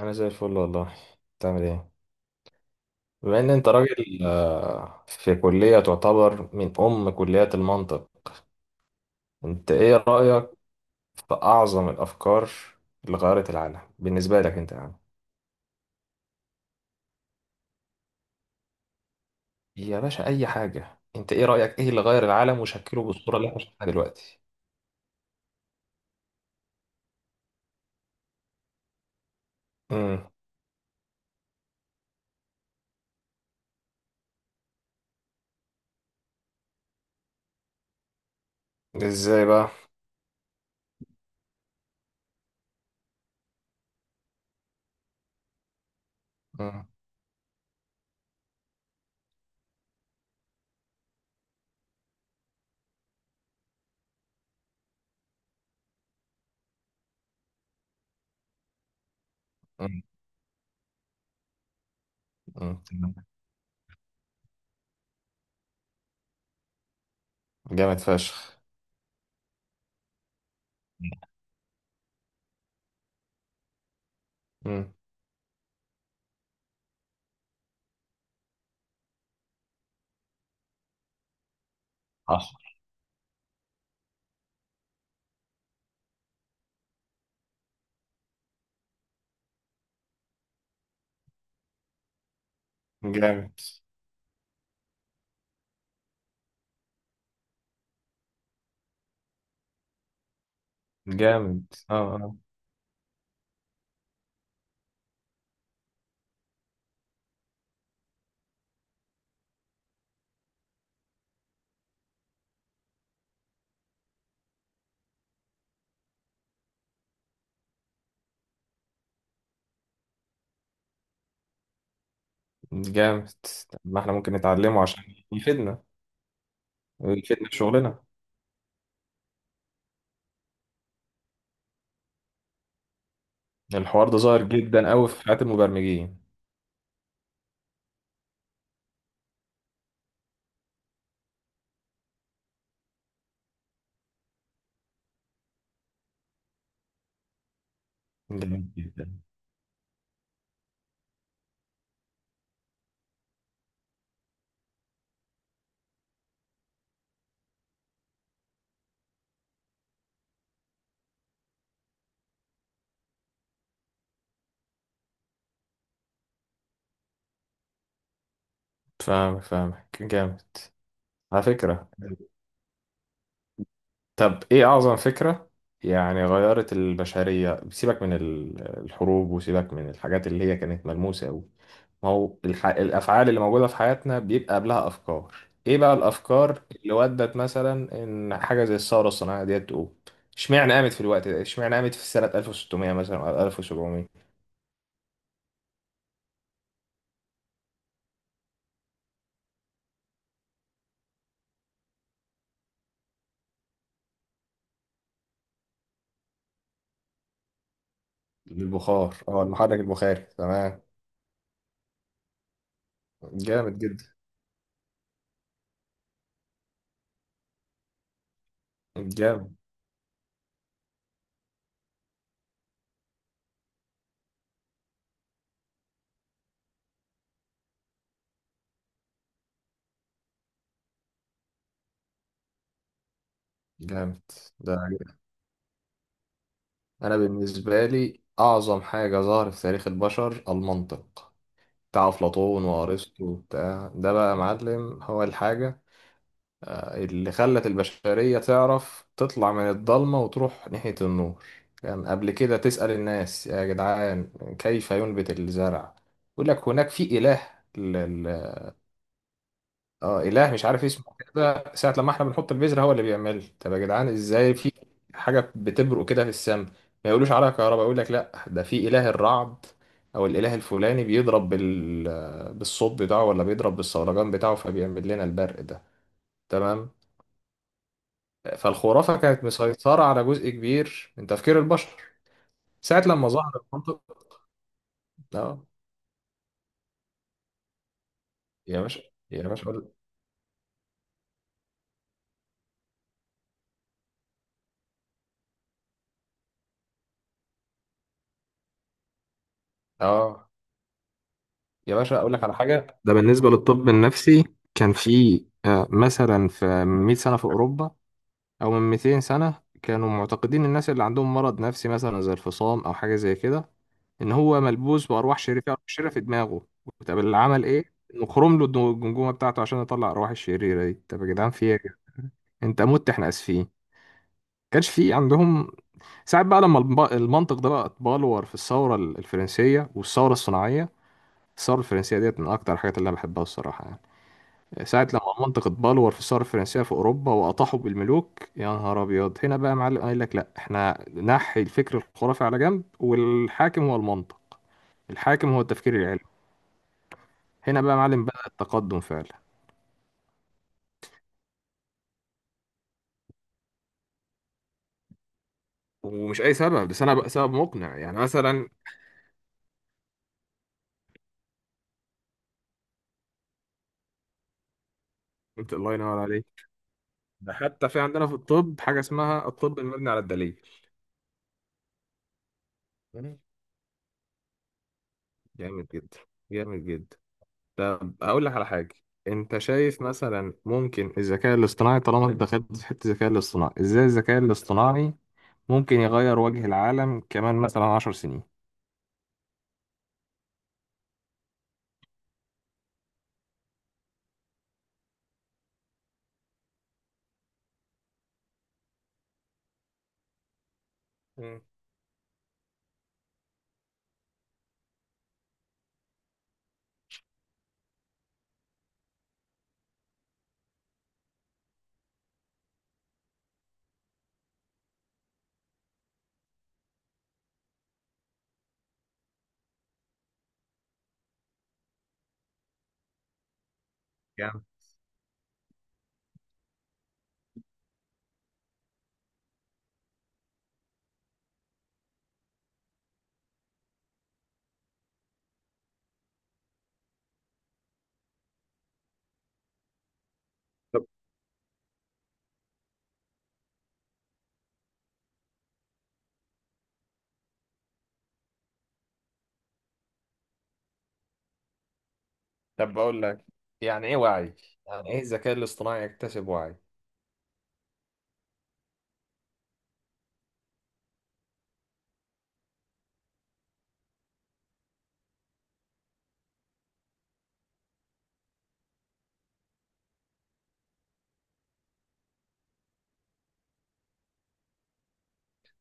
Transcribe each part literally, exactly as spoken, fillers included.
انا زي الفل والله. بتعمل ايه؟ بما ان انت راجل آه، في كلية تعتبر من ام كليات المنطق، انت ايه رأيك في اعظم الافكار اللي غيرت العالم بالنسبة لك انت يعني؟ يا باشا اي حاجة، انت ايه رأيك، ايه اللي غير العالم وشكله بالصورة اللي احنا شايفينها دلوقتي؟ امم ازاي بقى؟ امم امم أمم. تمام. جامد فشخ. امم حصل. جامد. جامد. اه اه جامد. طب ما احنا ممكن نتعلمه عشان يفيدنا، ويفيدنا في شغلنا. الحوار ده ظاهر جدا قوي في حياة المبرمجين. جامد جدا. فاهم، فاهمك جامد على فكرة. طب ايه اعظم فكرة يعني غيرت البشرية، سيبك من ال- الحروب وسيبك من الحاجات اللي هي كانت ملموسة قوي؟ ما هو الح... الافعال اللي موجودة في حياتنا بيبقى قبلها افكار. ايه بقى الافكار اللي ودت مثلا ان حاجة زي الثورة الصناعية ديت تقوم؟ اشمعنى قامت في الوقت ده، اشمعنى قامت في سنة ألف وستمية مثلا او ألف وسبعمية؟ البخار، اه المحرك البخاري، تمام. جامد جدا. جامد. جامد ده. انا بالنسبه لي اعظم حاجه ظهرت في تاريخ البشر المنطق، بتاع افلاطون وارسطو وبتاع ده بقى يا معلم، هو الحاجه اللي خلت البشريه تعرف تطلع من الضلمه وتروح ناحيه النور. كان يعني قبل كده تسال الناس يا جدعان كيف ينبت الزرع، يقول لك هناك في اله. اه اله مش عارف اسمه كده ساعه لما احنا بنحط البذره هو اللي بيعمل. طب يا جدعان ازاي في حاجه بتبرق كده في السماء، ما يقولوش عليها كهرباء؟ يقول لك لا، ده في اله الرعد او الاله الفلاني بيضرب بال... بالصوت بتاعه، ولا بيضرب بالصولجان بتاعه فبيعمل لنا البرق ده. تمام. فالخرافه كانت مسيطره على جزء كبير من تفكير البشر. ساعه لما ظهر المنطق، اه، يا باشا، يا باشا قول- اه يا باشا اقول لك على حاجه. ده بالنسبة للطب النفسي كان في آه، مثلا في من مية سنة في أوروبا أو من مئتين سنة كانوا معتقدين الناس اللي عندهم مرض نفسي مثلا زي الفصام أو حاجة زي كده، إن هو ملبوس بأرواح شريرة شريرة في دماغه. طب اللي عمل إيه؟ إنه خرم له الدو- الجمجمة بتاعته عشان يطلع الأرواح الشريرة دي. طب يا جدعان في إيه يا جدعان؟ أنت مت، إحنا آسفين. كانش في عندهم. ساعات بقى لما الب- المنطق ده بقى اتبلور في الثورة الفرنسية والثورة الصناعية. الثورة الفرنسية ديت من أكتر الحاجات اللي أنا بحبها الصراحة يعني. ساعة لما منطقة بالور في الثورة الفرنسية في أوروبا وأطاحوا بالملوك، يا نهار أبيض، هنا بقى يا معلم قال لك لأ، إحنا نحي الفكر الخرافي على جنب والحاكم هو المنطق، الحاكم هو التفكير العلمي. هنا بقى يا معلم بدأ التقدم فعلا. ومش أي سبب بس، أنا بقى سبب مقنع يعني مثلا. أنت الله ينور عليك. ده حتى في عندنا في الطب حاجة اسمها الطب المبني على الدليل. مم. جامد جدا. جامد جدا. طب أقول لك على حاجة، أنت شايف مثلا ممكن الذكاء الاصطناعي، طالما أنت دخلت في حتة الذكاء الاصطناعي، إزاي الذكاء الاصطناعي ممكن يغير وجه العالم كمان مثلا عشر سنين؟ مم. يعني. طب، طب بقول لك، يعني ايه وعي؟ يعني ايه الذكاء الاصطناعي يكتسب وعي؟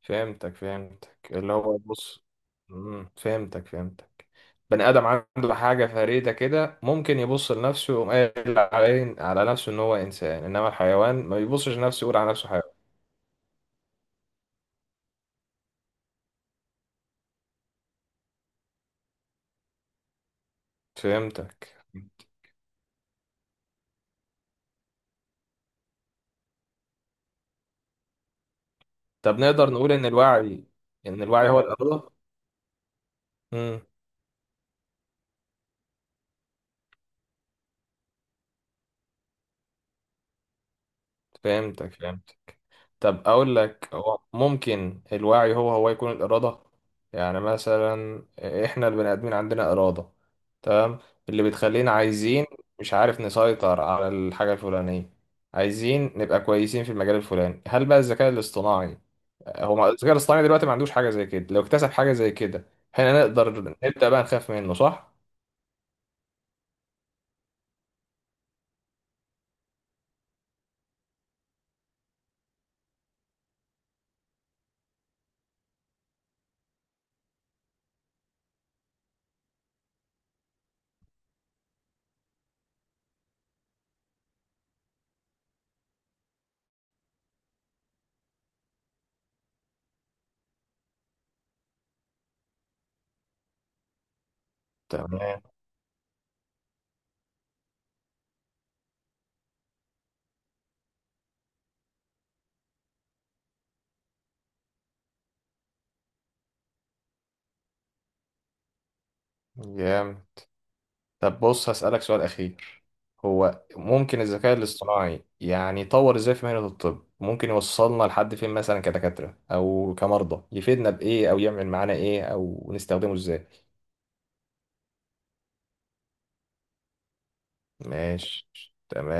فهمتك فهمتك اللي هو بص. مم. فهمتك فهمتك بني ادم عنده حاجه فريده كده، ممكن يبص لنفسه ويقوم قايل على على نفسه ان هو انسان، انما الحيوان ما بيبصش لنفسه يقول على نفسه حيوان. فهمتك. طب نقدر نقول ان الوعي، ان الوعي هو هو الاغلب؟ امم. فهمتك فهمت طب اقول لك، هو ممكن الوعي هو هو يكون الاراده؟ يعني مثلا احنا البني ادمين عندنا اراده، تمام، اللي بتخلينا عايزين، مش عارف، نسيطر على الحاجه الفلانيه، عايزين نبقى كويسين في المجال الفلاني. هل بقى الذكاء الاصطناعي هو ما- الذكاء الاصطناعي دلوقتي ما عندوش حاجه زي كده، لو اكتسب حاجه زي كده احنا نقدر نبدا بقى نخاف منه، صح؟ تمام. جامد. طب بص هسألك سؤال أخير، هو ممكن الذكاء الاصطناعي يعني يطور ازاي في مهنة الطب؟ ممكن يوصلنا لحد فين مثلا كدكاترة أو كمرضى؟ يفيدنا بإيه أو يعمل معانا إيه أو نستخدمه ازاي؟ ماشي. تمام.